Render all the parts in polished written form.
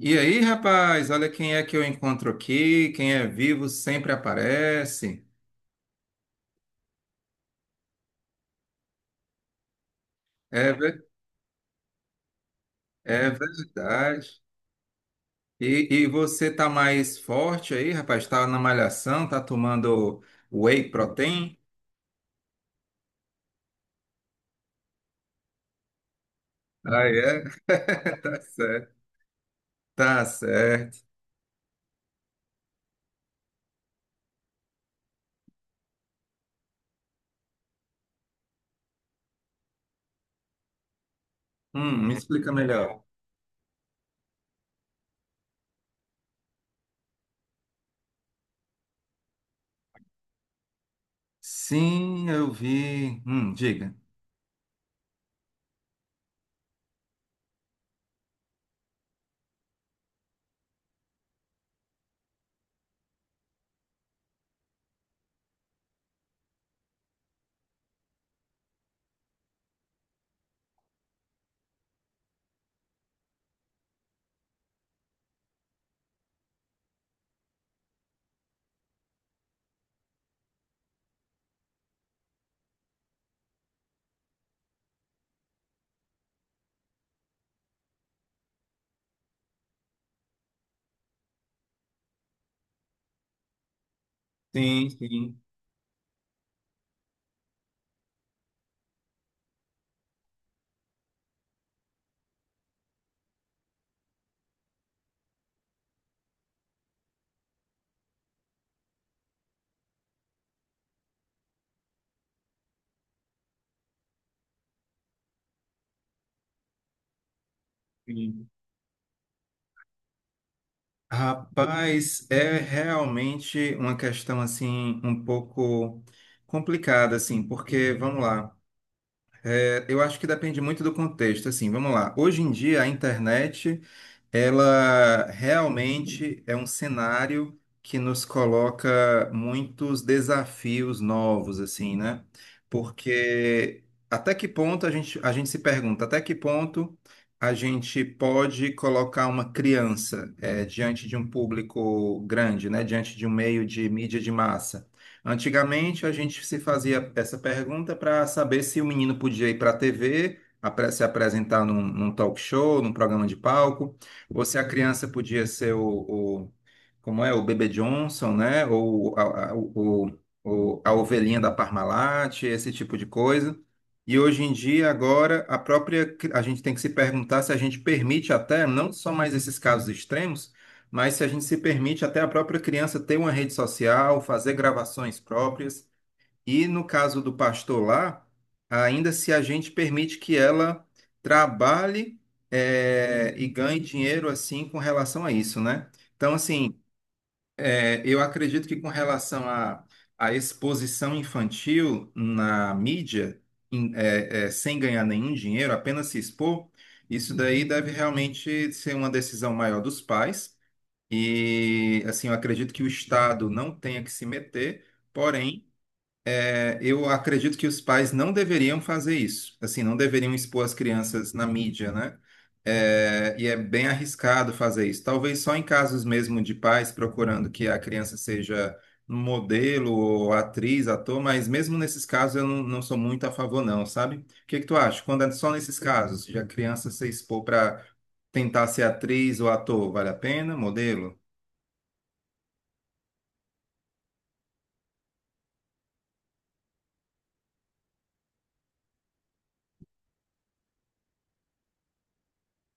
E aí, rapaz, olha quem é que eu encontro aqui. Quem é vivo sempre aparece. É, é verdade. E você tá mais forte aí, rapaz? Tá na malhação, tá tomando whey protein? Ah, é? Tá certo. Tá certo. Me explica melhor. Sim, eu vi. Diga. Sim, sim. Sim. Rapaz, é realmente uma questão assim um pouco complicada assim, porque vamos lá, eu acho que depende muito do contexto assim, vamos lá. Hoje em dia a internet ela realmente é um cenário que nos coloca muitos desafios novos, assim, né? Porque até que ponto a gente se pergunta, até que ponto a gente pode colocar uma criança diante de um público grande, né? Diante de um meio de mídia de massa? Antigamente a gente se fazia essa pergunta para saber se o menino podia ir para a TV, se apresentar num talk show, num programa de palco. Ou se a criança podia ser como é, o Bebê Johnson, né? Ou a ovelhinha da Parmalat, esse tipo de coisa. E hoje em dia, agora, a gente tem que se perguntar se a gente permite até, não só mais esses casos extremos, mas se a gente se permite até a própria criança ter uma rede social, fazer gravações próprias. E no caso do pastor lá, ainda se a gente permite que ela trabalhe e ganhe dinheiro assim com relação a isso, né? Então, assim, eu acredito que com relação à exposição infantil na mídia, sem ganhar nenhum dinheiro, apenas se expor, isso daí deve realmente ser uma decisão maior dos pais. E, assim, eu acredito que o Estado não tenha que se meter. Porém, eu acredito que os pais não deveriam fazer isso, assim, não deveriam expor as crianças na mídia, né? É, e é bem arriscado fazer isso. Talvez só em casos mesmo de pais procurando que a criança seja modelo ou atriz, ator, mas mesmo nesses casos eu não sou muito a favor, não, sabe? O que que tu acha? Quando é só nesses casos, de a criança se expor para tentar ser atriz ou ator, vale a pena? Modelo?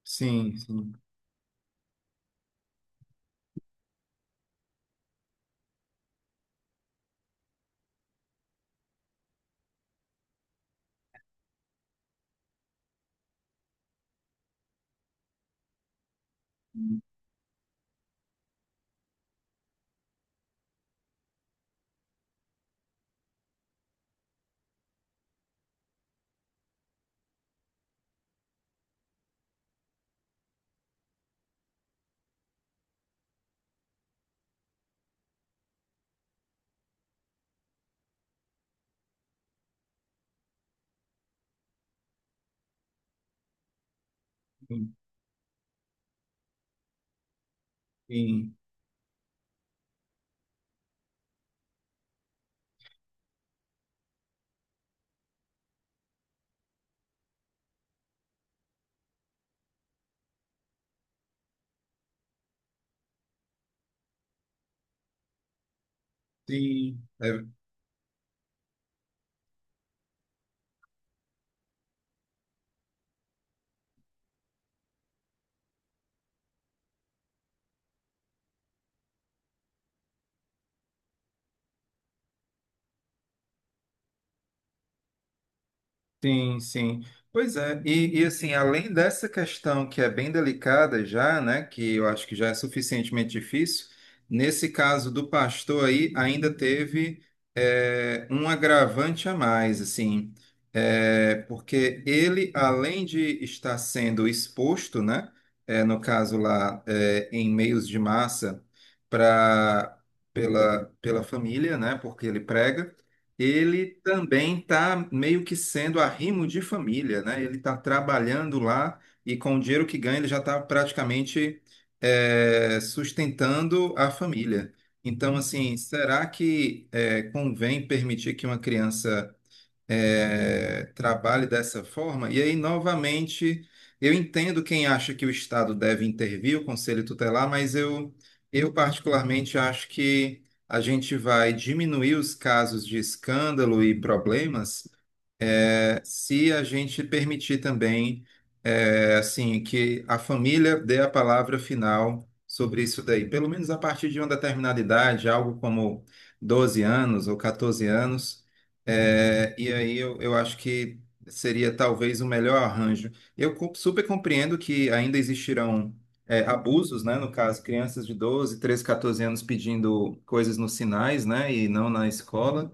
Sim, sim. Sim, sim, sim. É, sim, sim. Pois é, e assim, além dessa questão que é bem delicada já, né, que eu acho que já é suficientemente difícil, nesse caso do pastor aí ainda teve um agravante a mais, assim, porque ele, além de estar sendo exposto, né, no caso lá, em meios de massa, para pela família, né, porque ele prega, ele também está meio que sendo arrimo de família, né? Ele está trabalhando lá e com o dinheiro que ganha ele já está praticamente sustentando a família. Então, assim, será que convém permitir que uma criança trabalhe dessa forma. E aí, novamente, eu entendo quem acha que o Estado deve intervir, o Conselho Tutelar, mas eu particularmente acho que a gente vai diminuir os casos de escândalo e problemas se a gente permitir também, assim, que a família dê a palavra final sobre isso daí, pelo menos a partir de uma determinada idade, algo como 12 anos ou 14 anos, e aí eu acho que seria talvez o melhor arranjo. Eu super compreendo que ainda existirão abusos, né? No caso, crianças de 12, 13, 14 anos pedindo coisas nos sinais, né? E não na escola.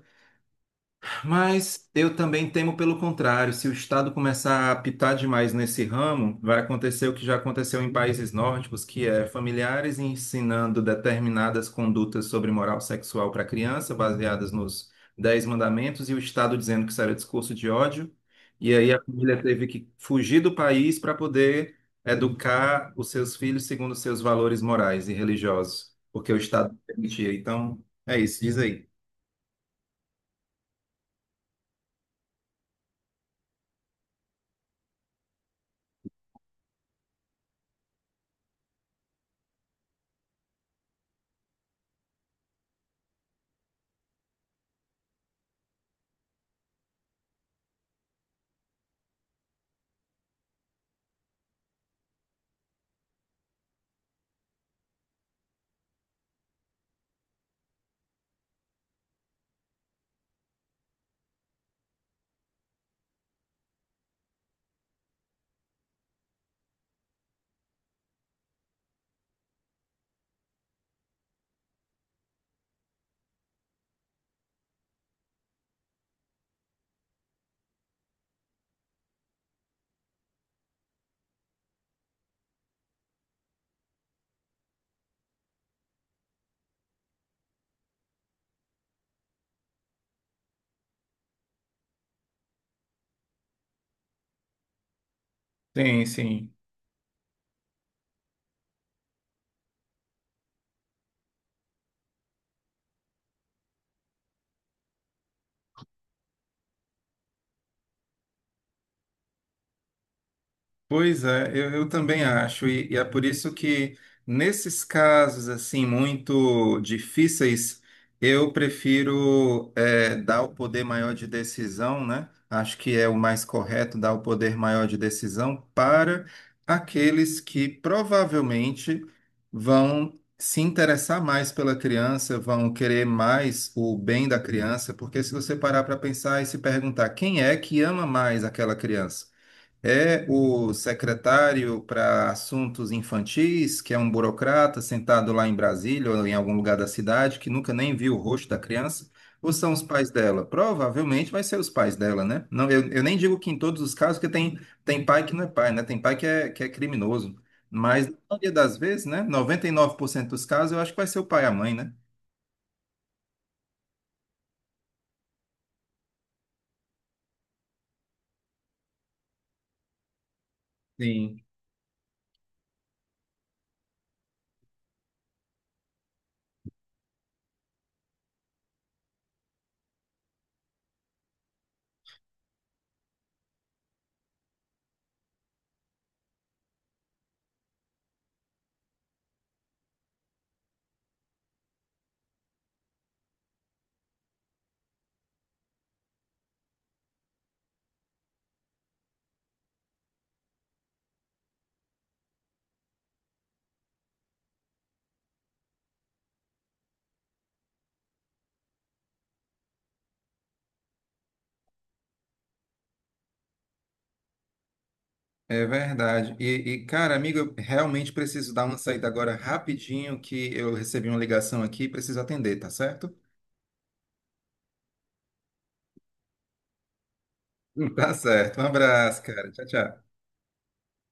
Mas eu também temo pelo contrário. Se o Estado começar a pitar demais nesse ramo, vai acontecer o que já aconteceu em países nórdicos, que é familiares ensinando determinadas condutas sobre moral sexual para criança, baseadas nos Dez Mandamentos, e o Estado dizendo que isso era discurso de ódio. E aí a família teve que fugir do país para poder educar os seus filhos segundo os seus valores morais e religiosos, porque o Estado não permitia. Então, é isso, diz aí. Sim, sim. Pois é, eu também acho, e é por isso que nesses casos assim muito difíceis, eu prefiro dar o poder maior de decisão, né? Acho que é o mais correto dar o poder maior de decisão para aqueles que provavelmente vão se interessar mais pela criança, vão querer mais o bem da criança, porque se você parar para pensar e se perguntar quem é que ama mais aquela criança? É o secretário para assuntos infantis, que é um burocrata sentado lá em Brasília ou em algum lugar da cidade que nunca nem viu o rosto da criança, ou são os pais dela? Provavelmente vai ser os pais dela, né? Não, eu nem digo que em todos os casos, porque tem pai que não é pai, né? Tem pai que é criminoso. Mas na maioria das vezes, né? 99% dos casos, eu acho que vai ser o pai e a mãe, né? Sim. É verdade. E, cara, amigo, eu realmente preciso dar uma saída agora rapidinho, que eu recebi uma ligação aqui e preciso atender, tá certo? Tá certo. Um abraço, cara. Tchau, tchau.